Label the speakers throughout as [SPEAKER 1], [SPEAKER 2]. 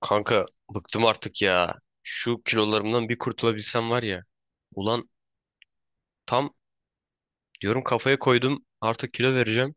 [SPEAKER 1] Kanka, bıktım artık ya. Şu kilolarımdan bir kurtulabilsem var ya. Ulan, tam diyorum, kafaya koydum, artık kilo vereceğim.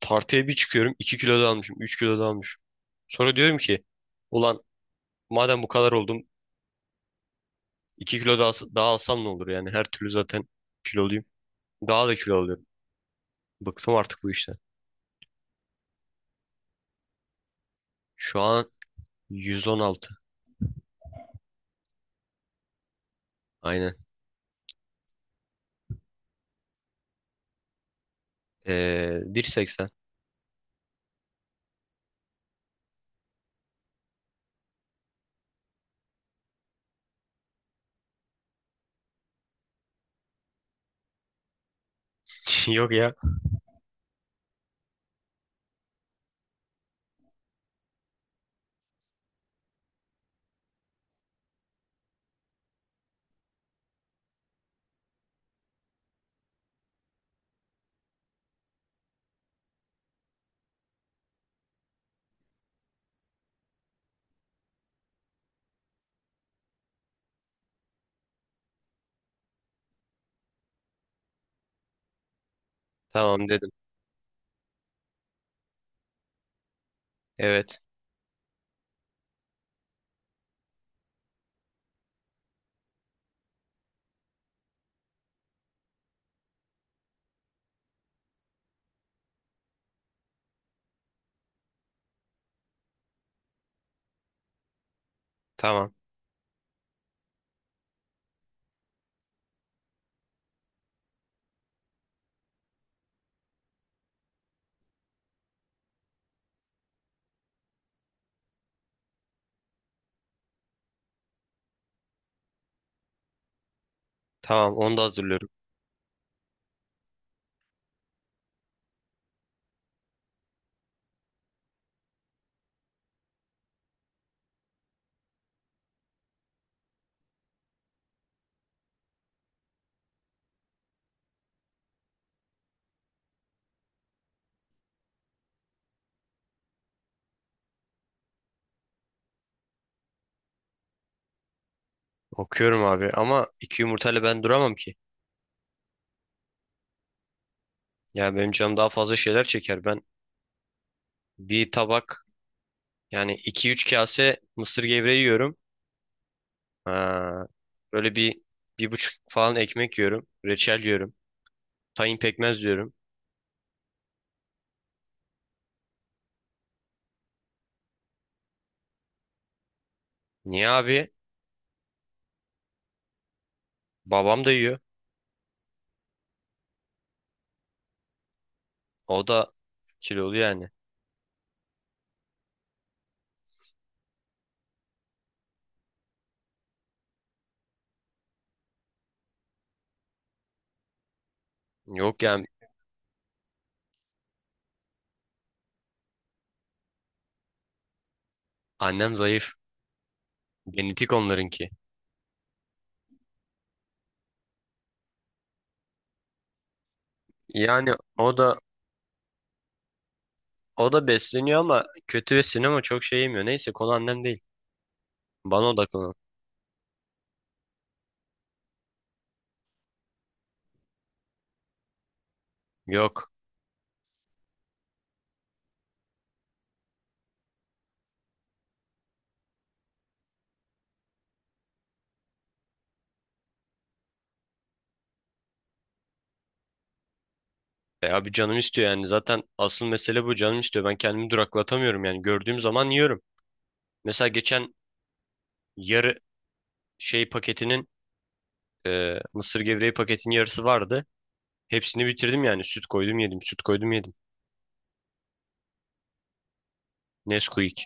[SPEAKER 1] Tartıya bir çıkıyorum, 2 kilo da almışım, 3 kilo da almışım. Sonra diyorum ki ulan, madem bu kadar oldum, 2 kilo daha, alsam ne olur yani, her türlü zaten kiloluyum. Daha da kilo alıyorum. Bıktım artık bu işten. Şu an 116. Aynen. Ee, 1.80. Yok ya. Tamam dedim. Evet. Tamam, tamam onu da hazırlıyorum. Okuyorum abi, ama iki yumurtayla ben duramam ki. Ya benim canım daha fazla şeyler çeker. Ben bir tabak, yani 2-3 kase mısır gevreği yiyorum. Ha, böyle 1,5 falan ekmek yiyorum. Reçel yiyorum. Tahin pekmez yiyorum. Niye abi? Babam da yiyor. O da kilolu yani. Yok yani, annem zayıf. Genetik onlarınki. Yani o da besleniyor ama kötü besleniyor, ama çok şey yemiyor. Neyse, konu annem değil. Bana odaklanın. Yok. E abi, canım istiyor yani. Zaten asıl mesele bu. Canım istiyor. Ben kendimi duraklatamıyorum yani. Gördüğüm zaman yiyorum. Mesela geçen yarı paketinin mısır gevreği paketinin yarısı vardı. Hepsini bitirdim yani. Süt koydum yedim. Süt koydum yedim. Nesquik.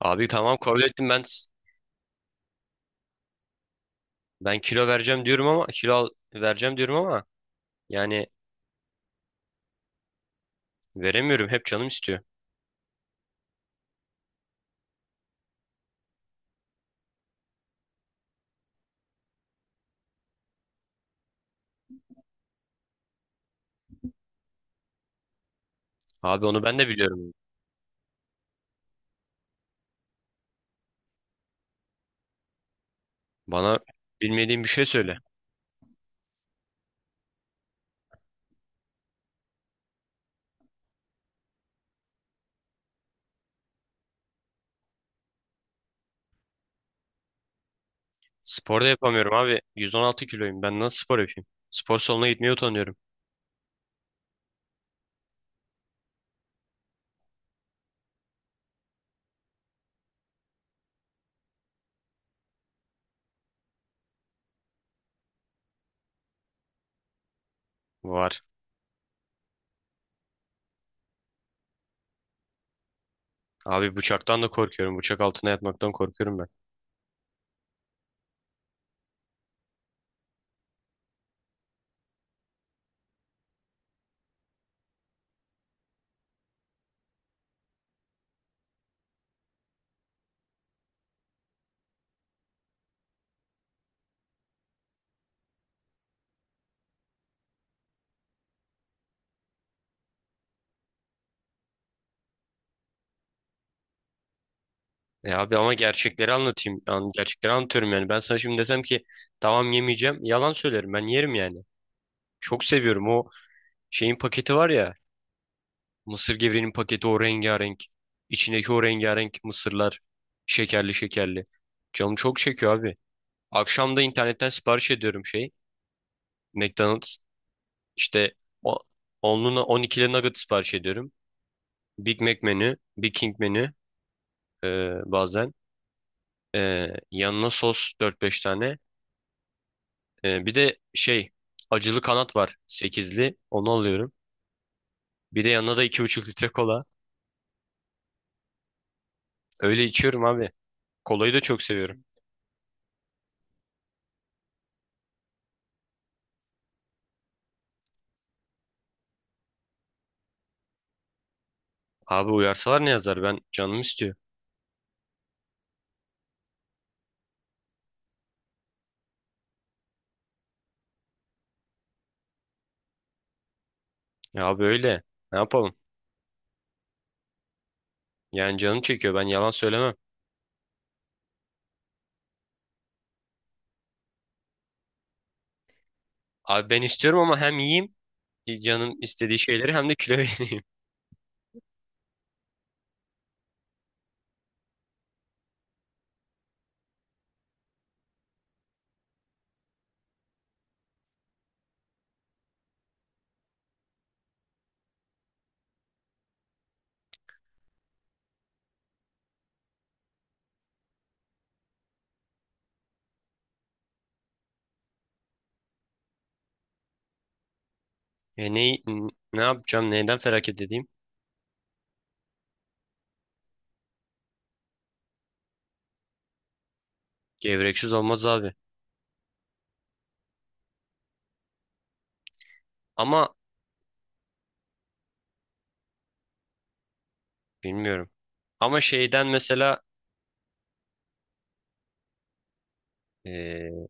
[SPEAKER 1] Abi tamam, kabul ettim ben. Kilo vereceğim diyorum ama vereceğim diyorum ama yani veremiyorum. Hep canım istiyor. Abi onu ben de biliyorum. Bana bilmediğim bir şey söyle. Spor da yapamıyorum abi. 116 kiloyum. Ben nasıl spor yapayım? Spor salonuna gitmeye utanıyorum. Var. Abi bıçaktan da korkuyorum. Bıçak altına yatmaktan korkuyorum ben. E abi, ama gerçekleri anlatayım. Gerçekleri anlatıyorum yani. Ben sana şimdi desem ki tamam, yemeyeceğim. Yalan söylerim. Ben yerim yani. Çok seviyorum. O şeyin paketi var ya. Mısır gevreğinin paketi, o rengarenk. İçindeki o rengarenk mısırlar. Şekerli şekerli. Canım çok çekiyor abi. Akşam da internetten sipariş ediyorum McDonald's. İşte o- onluna 12'li nugget sipariş ediyorum. Big Mac menü. Big King menü. e, Bazen. Yanına sos 4-5 tane. Bir de acılı kanat var, 8'li. Onu alıyorum. Bir de yanına da 2,5 litre kola. Öyle içiyorum abi. Kolayı da çok seviyorum. Abi uyarsalar ne yazar, ben canım istiyor. Ya abi, öyle ne yapalım. Yani canım çekiyor, ben yalan söylemem. Abi ben istiyorum, ama hem yiyeyim canım istediği şeyleri, hem de kilo vereyim. E ne, Ne yapacağım, neyden feragat edeyim? Gevreksiz olmaz abi. Ama bilmiyorum. Ama şeyden mesela e,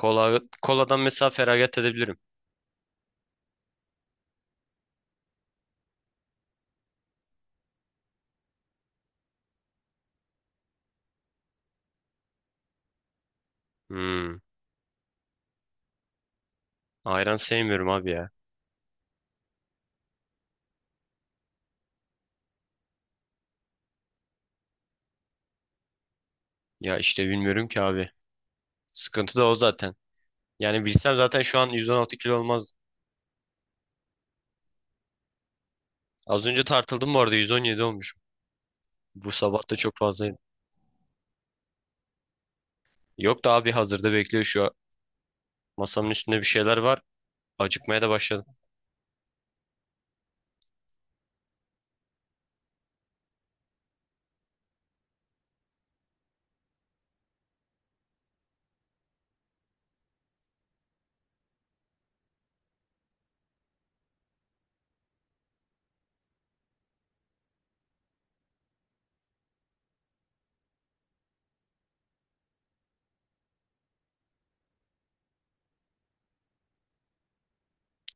[SPEAKER 1] kola, koladan mesela feragat edebilirim. Hmm. Ayran sevmiyorum abi ya. Ya işte bilmiyorum ki abi. Sıkıntı da o zaten. Yani bilsem zaten şu an 116 kilo olmaz. Az önce tartıldım bu arada, 117 olmuş. Bu sabah da çok fazlaydı. Yok da abi, hazırda bekliyor şu an. Masamın üstünde bir şeyler var. Acıkmaya da başladım.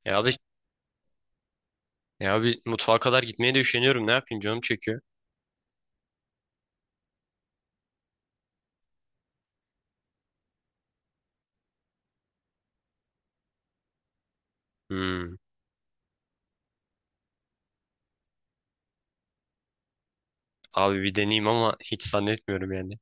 [SPEAKER 1] Ya abi Ya abi, mutfağa kadar gitmeye de üşeniyorum. Ne yapayım, canım çekiyor. Hmm. Abi bir deneyeyim, ama hiç zannetmiyorum yani.